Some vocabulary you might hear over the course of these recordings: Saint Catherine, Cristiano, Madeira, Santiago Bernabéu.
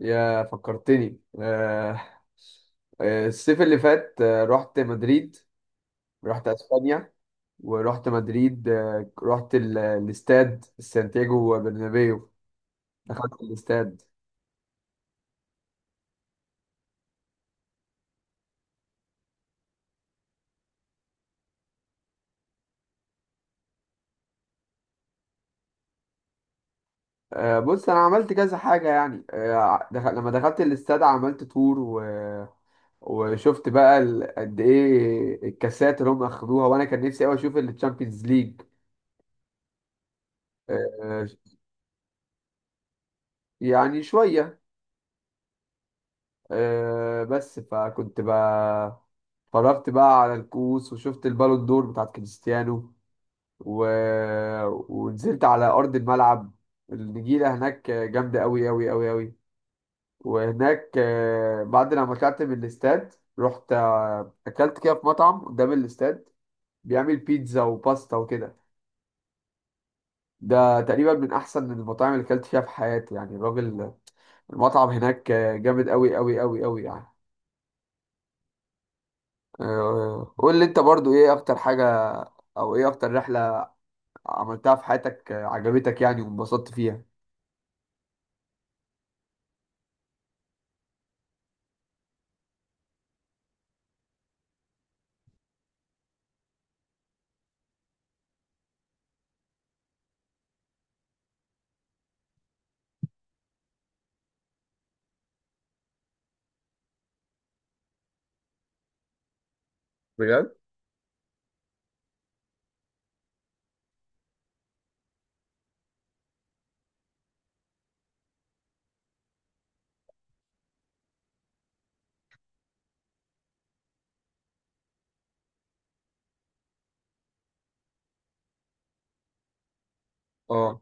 يا فكرتني، الصيف اللي فات رحت مدريد. رحت اسبانيا ورحت مدريد. رحت الاستاد سانتياغو برنابيو. دخلت الاستاد. بص انا عملت كذا حاجه يعني. لما دخلت الاستاد عملت تور وشفت بقى قد ايه الكاسات اللي هم اخدوها، وانا كان نفسي قوي اشوف التشامبيونز ليج. آه، يعني شويه. بس فكنت بقى اتفرجت بقى على الكؤوس وشفت البالون دور بتاعت كريستيانو و... ونزلت على أرض الملعب. النجيلة هناك جامدة أوي أوي أوي أوي. وهناك، بعد لما طلعت من الاستاد رحت أكلت كده في مطعم قدام الاستاد بيعمل بيتزا وباستا وكده. ده تقريبا من أحسن المطاعم اللي أكلت فيها في حياتي، يعني الراجل. المطعم هناك جامد أوي أوي أوي أوي يعني. قول لي انت برضو ايه اكتر حاجة، او ايه اكتر رحلة عملتها في حياتك عجبتك يعني وانبسطت فيها؟ بجد. اه،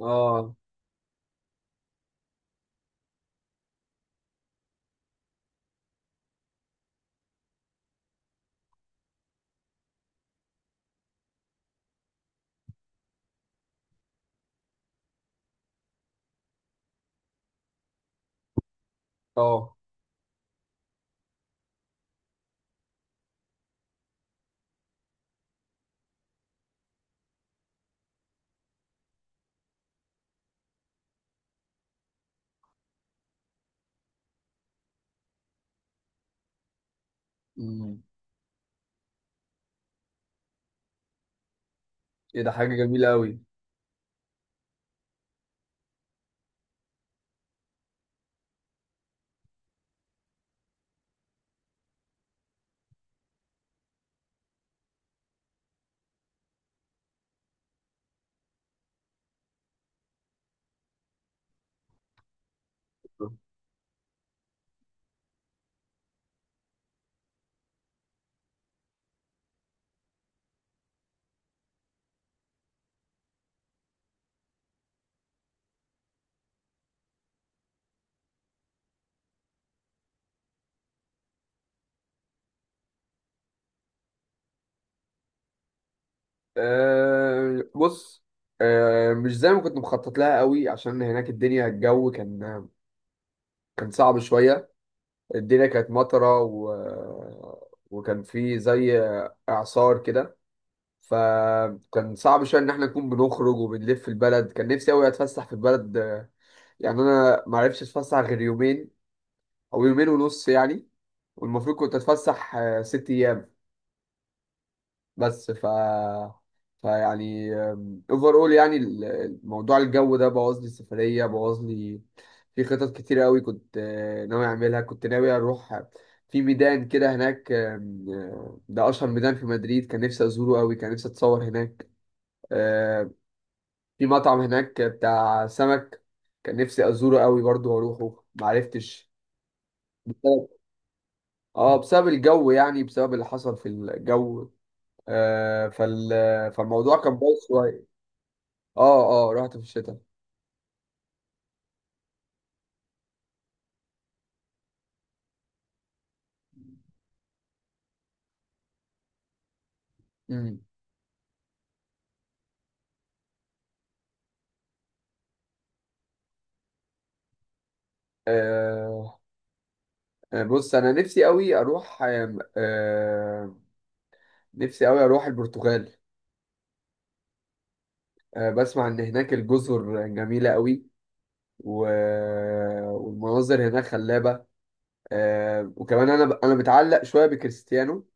اه، اه. أمم. ايه ده، حاجه جميله قوي. أه بص. أه، مش زي ما كنت مخطط لها قوي، عشان هناك الدنيا الجو كان صعب شويه. الدنيا كانت مطره و وكان في زي اعصار كده. فكان صعب شويه ان احنا نكون بنخرج وبنلف في البلد. كان نفسي قوي اتفسح في البلد. يعني انا ما عرفتش اتفسح غير يومين، او يومين ونص يعني. والمفروض كنت اتفسح 6 ايام. بس فيعني اوفر اول، يعني الموضوع الجو ده بوظ لي السفريه، بوظ لي في خطط كتير قوي. كنت ناوي اعملها، كنت ناوي اروح في ميدان كده هناك، آم، آه، ده اشهر ميدان في مدريد، كان نفسي ازوره قوي، كان نفسي اتصور هناك. آه، في مطعم هناك بتاع سمك كان نفسي ازوره قوي برضو واروحه، معرفتش. بسبب اه بسبب الجو، يعني بسبب اللي حصل في الجو. آه فال... فالموضوع كان بايظ شويه. اه، اه، رحت في الشتاء. امم. آه بص انا نفسي قوي اروح البرتغال. بسمع ان هناك الجزر جميله قوي و... والمناظر هناك خلابه. وكمان انا متعلق شويه بكريستيانو،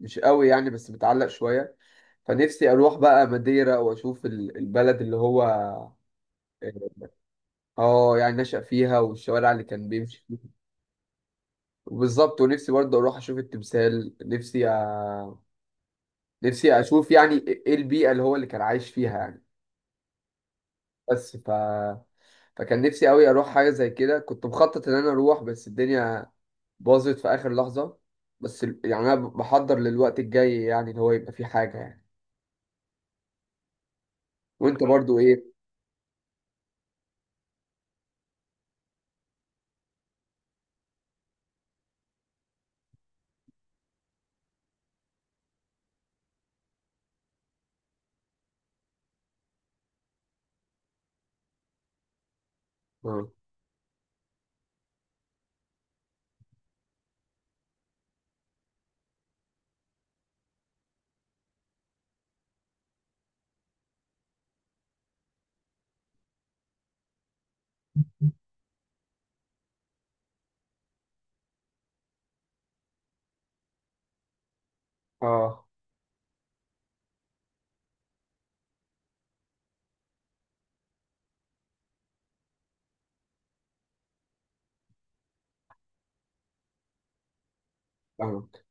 مش قوي يعني بس متعلق شوية. فنفسي أروح بقى ماديرا وأشوف البلد اللي هو يعني نشأ فيها، والشوارع اللي كان بيمشي فيها. بالظبط، ونفسي برضه أروح أشوف التمثال، نفسي أشوف يعني إيه البيئة اللي هو اللي كان عايش فيها يعني. بس ف فكان نفسي قوي أروح حاجة زي كده، كنت مخطط إن أنا أروح بس الدنيا باظت في آخر لحظة. بس يعني أنا بحضر للوقت الجاي، يعني اللي هو يبقى فيه حاجة يعني. وأنت برضه إيه؟ اه. آه. فاهمك.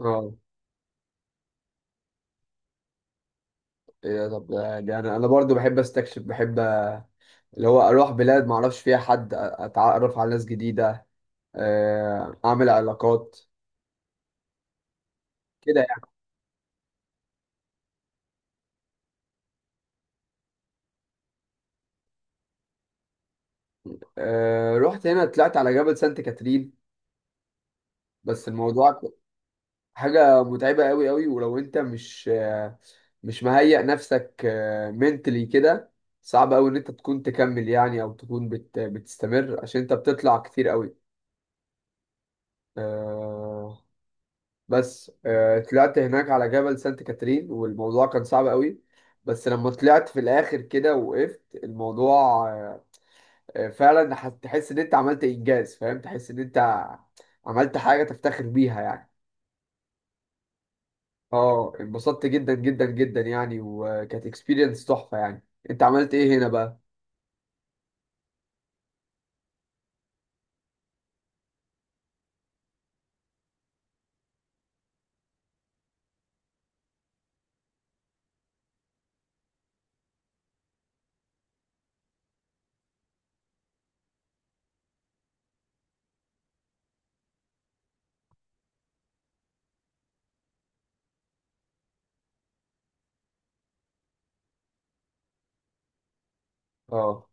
اه، ايه ده؟ طب، ده انا برضو بحب استكشف، بحب اللي هو اروح بلاد ما اعرفش فيها حد، اتعرف على ناس جديده، اعمل علاقات كده يعني. رحت هنا، طلعت على جبل سانت كاترين، بس الموضوع حاجه متعبه قوي قوي. ولو انت مش مهيئ نفسك منتلي كده، صعب قوي ان انت تكون تكمل يعني، او تكون بتستمر عشان انت بتطلع كتير قوي. بس طلعت هناك على جبل سانت كاترين والموضوع كان صعب قوي، بس لما طلعت في الاخر كده وقفت الموضوع، آه، فعلا تحس ان انت عملت انجاز، فاهم؟ تحس ان انت عملت حاجة تفتخر بيها يعني. اه، انبسطت جدا جدا جدا يعني، وكانت اكسبيرينس تحفة يعني. انت عملت ايه هنا بقى؟ اه.